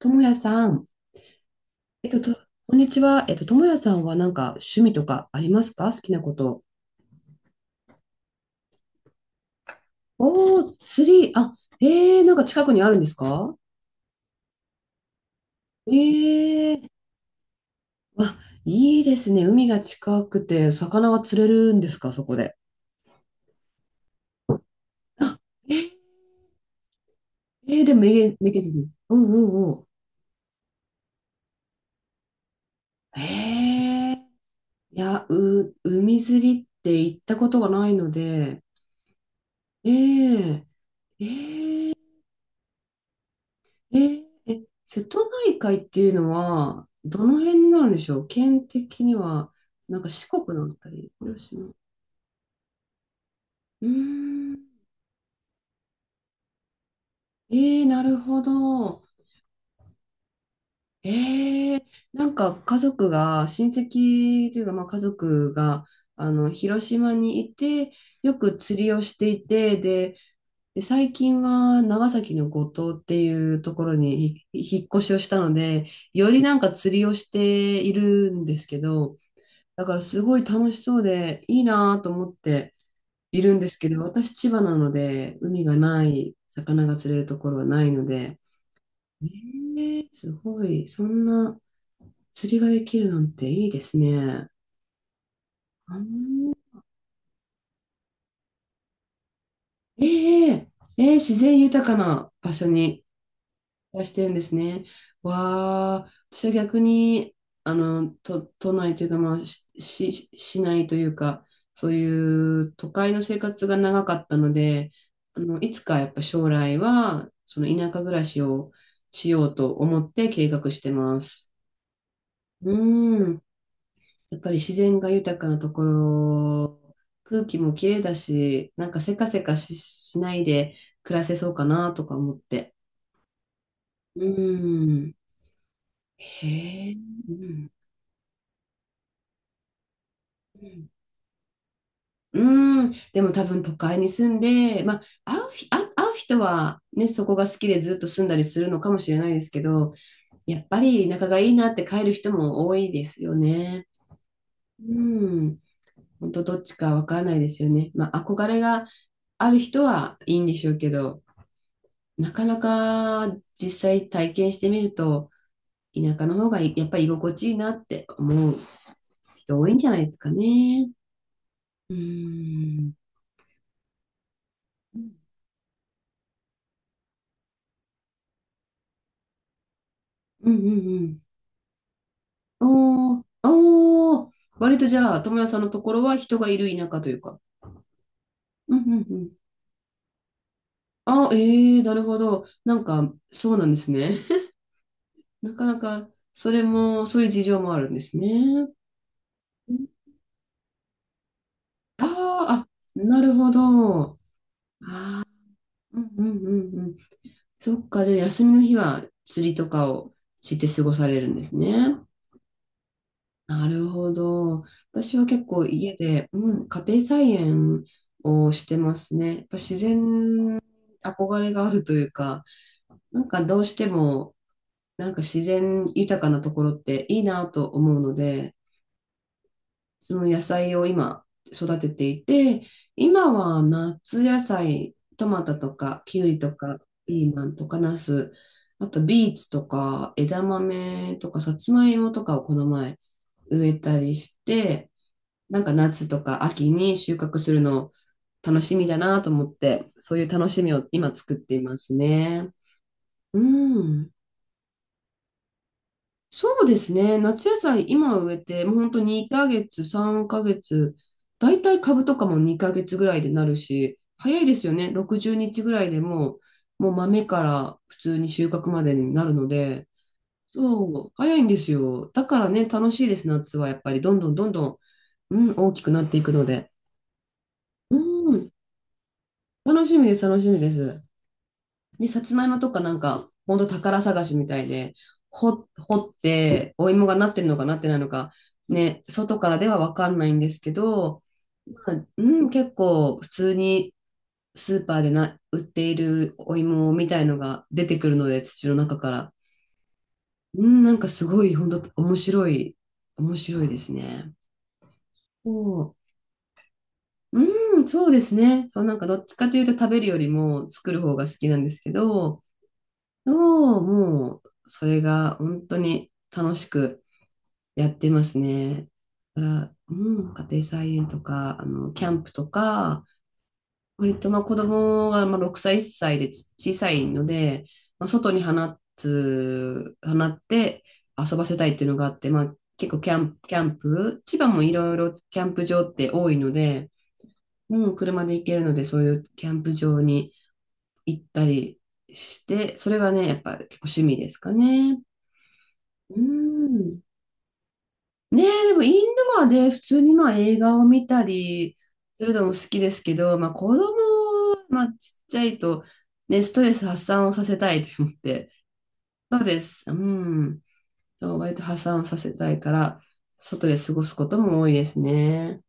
ともやさん、えっと、とこんにちは。ともやさんはなんか趣味とかありますか？好きなこと。おー、釣り、あ、なんか近くにあるんですか？えー、わ、いいですね。海が近くて、魚が釣れるんですか？そこで。あ、えー、でもめげずに。うんうんうん。いや、海釣りって行ったことがないので、えーえーえ、瀬戸内海っていうのは、どの辺になるんでしょう？県的には、なんか四国のあたり、広島。うーん。えなるほど。えー、なんか家族が、親戚というか、まあ、家族が、広島にいて、よく釣りをしていて、で、最近は長崎の五島っていうところに引っ越しをしたので、よりなんか釣りをしているんですけど、だからすごい楽しそうでいいなと思っているんですけど、私千葉なので海がない、魚が釣れるところはないので、えーすごい、そんな釣りができるなんていいですね。うん、ええええ、自然豊かな場所にらしてるんですね。わあ、私は逆に、都内というか、まあ、市内というか、そういう都会の生活が長かったので、いつかやっぱ将来は、その田舎暮らしをしようと思って計画してます。うーん。やっぱり自然が豊かなところ、空気も綺麗だし、なんかせかせかし、しないで暮らせそうかなとか思って。うーん。へえ、うん、うん、うーん、でも多分都会に住んで、まあ、会う人は、ね、そこが好きでずっと住んだりするのかもしれないですけど、やっぱり仲がいいなって帰る人も多いですよね。うん、本当どっちかわからないですよね。まあ、憧れがある人はいいんでしょうけど、なかなか実際体験してみると、田舎の方がいやっぱり居心地いいなって思う人多いんじゃないですかね。うんうんうんうんうん。あーあー、あ、割とじゃあ、友也さんのところは人がいる田舎というか。うんうんうん。あ、ええーなるほど。なんか、そうなんですね。なかなか、それも、そういう事情もあるんですね。ああ、あ、なるほど。ああ、うんうんうんうん。そっか、じゃあ、休みの日は釣りとかをして過ごされるんですね。なるほど。私は結構家で、うん、家庭菜園をしてますね。やっぱ自然に憧れがあるというか、なんかどうしても、なんか自然豊かなところっていいなと思うので、その野菜を今育てていて、今は夏野菜、トマトとかキュウリとかピーマンとかナス、あとビーツとか枝豆とかさつまいもとかをこの前植えたりして、なんか夏とか秋に収穫するの楽しみだなと思って、そういう楽しみを今作っていますね。うん。そうですね。夏野菜今植えて、もう本当に2ヶ月、3ヶ月、だいたい株とかも2ヶ月ぐらいでなるし、早いですよね。60日ぐらいでもう豆から普通に収穫までになるので、そう、早いんですよ。だからね、楽しいです、夏はやっぱり。どんどんどんどん、うん、大きくなっていくので。うん、楽しみです、楽しみです。で、さつまいもとかなんか、ほんと宝探しみたいで、掘って、お芋がなってるのかなってないのか、ね、外からではわかんないんですけど、まあ、うん、結構普通にスーパーで売っているお芋みたいのが出てくるので、土の中から。うん、なんかすごい、本当面白い、面白いですね。そう、うん、そうですね。そう、なんかどっちかというと食べるよりも作る方が好きなんですけど、もう、それが本当に楽しくやってますね。だから、うん、家庭菜園とか、キャンプとか、割とまあ子供がまあ6歳、1歳で小さいので、まあ、外に放って遊ばせたいっていうのがあって、まあ結構キャンプ、千葉もいろいろキャンプ場って多いので、うん、車で行けるので、そういうキャンプ場に行ったりして、それがね、やっぱ結構趣味ですかね。うーん。ねえ、でもインドアで普通にまあ映画を見たりするのも好きですけど、まあ子供、まあちっちゃいとね、ストレス発散をさせたいと思って。そうです。うん。そう、割と発散をさせたいから、外で過ごすことも多いですね。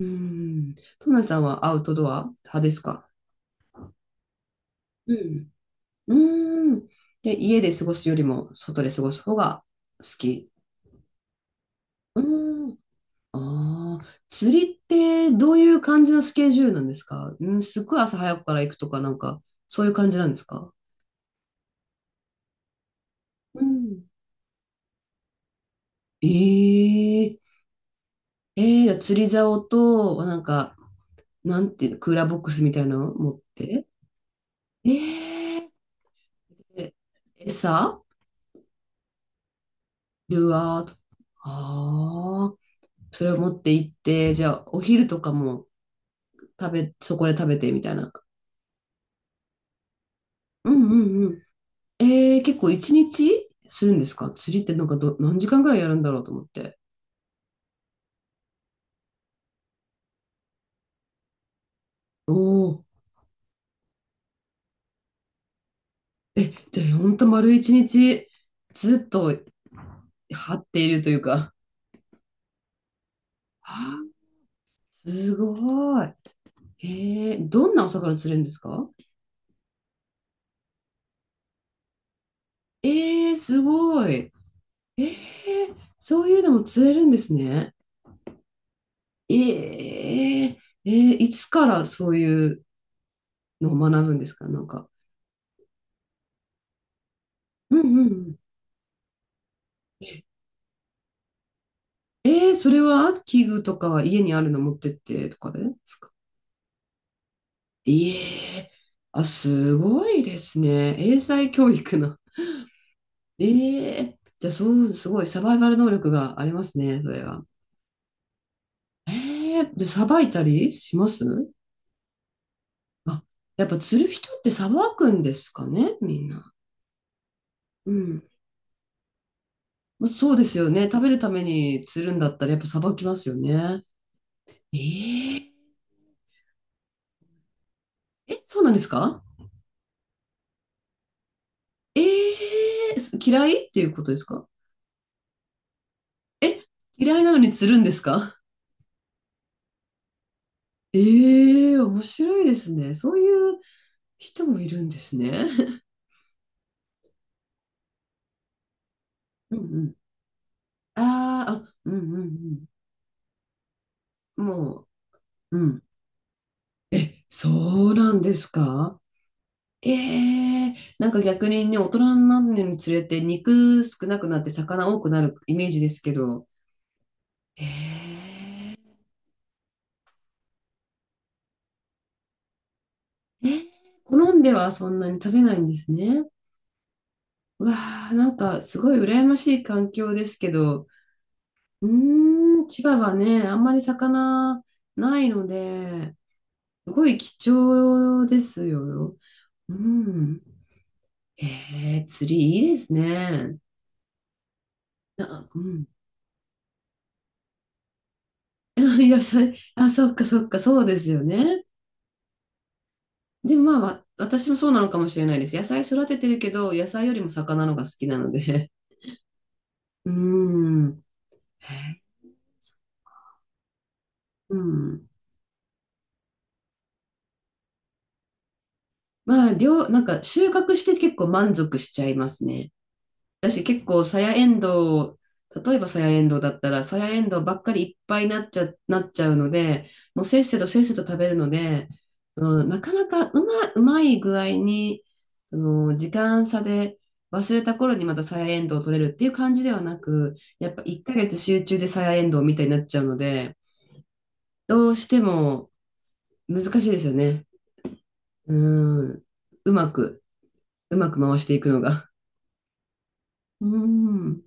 うん。トムさんはアウトドア派ですか？うん。うん。で、家で過ごすよりも外で過ごす方が好き。うーん。ああ、釣りってどういう感じのスケジュールなんですか？うん、すっごい朝早くから行くとか、なんか、そういう感じなんですか？うん。ええじゃあ釣り竿と、なんか、なんていうの、クーラーボックスみたいなのを持って。えええ餌ルアーと。ああ、それを持って行って、じゃあ、お昼とかもそこで食べてみたいな。うんうん。結構一日するんですか？釣りってなんか何時間ぐらいやるんだろうと思って。おお。え、じゃあほんと丸一日ずっと張っているというか。はあ、すごい。どんなお魚釣れるんですか？すごい。そういうのも釣れるんですね。えー、えいつからそういうのを学ぶんですか？なんか。うんうんうん。それは器具とか家にあるの持ってってとかですか？ええあ、すごいですね。英才教育の。えじゃあ、そう、すごいサバイバル能力がありますね、それは。で、さばいたりします？あ、やっぱ釣る人ってさばくんですかね、みんな。うん。まあそうですよね。食べるために釣るんだったら、やっぱさばきますよね。えええ、そうなんですか？ええ嫌いっていうことですか？え、嫌いなのに釣るんですか？ええー面白いですね。そういう人もいるんですね。うんうん。あーあ、うんうんうん。もう、うん。え、そうなんですか？ええーなんか逆にね、大人になるにつれて肉少なくなって魚多くなるイメージですけど、ええーえ、好んではそんなに食べないんですね。うわあ、なんかすごい羨ましい環境ですけど、うーん、千葉はね、あんまり魚ないので、すごい貴重ですよ。うん。釣りいいですね。あ、うん。野菜、あ、そっかそっか、そうですよね。でもまあ、私もそうなのかもしれないです。野菜育ててるけど、野菜よりも魚のが好きなので。うん。へー、うん。まあ、なんか収穫して結構満足しちゃいますね。私結構サヤエンド例えばサヤエンドだったら、サヤエンドばっかりいっぱいになっちゃ、なっちゃうので、もうせっせとせっせと食べるので、そのなかなかうまい具合に、その時間差で忘れた頃にまたサヤエンドを取れるっていう感じではなく、やっぱ1ヶ月集中でサヤエンドみたいになっちゃうので、どうしても難しいですよね。うん。うまく、うまく回していくのが。うん。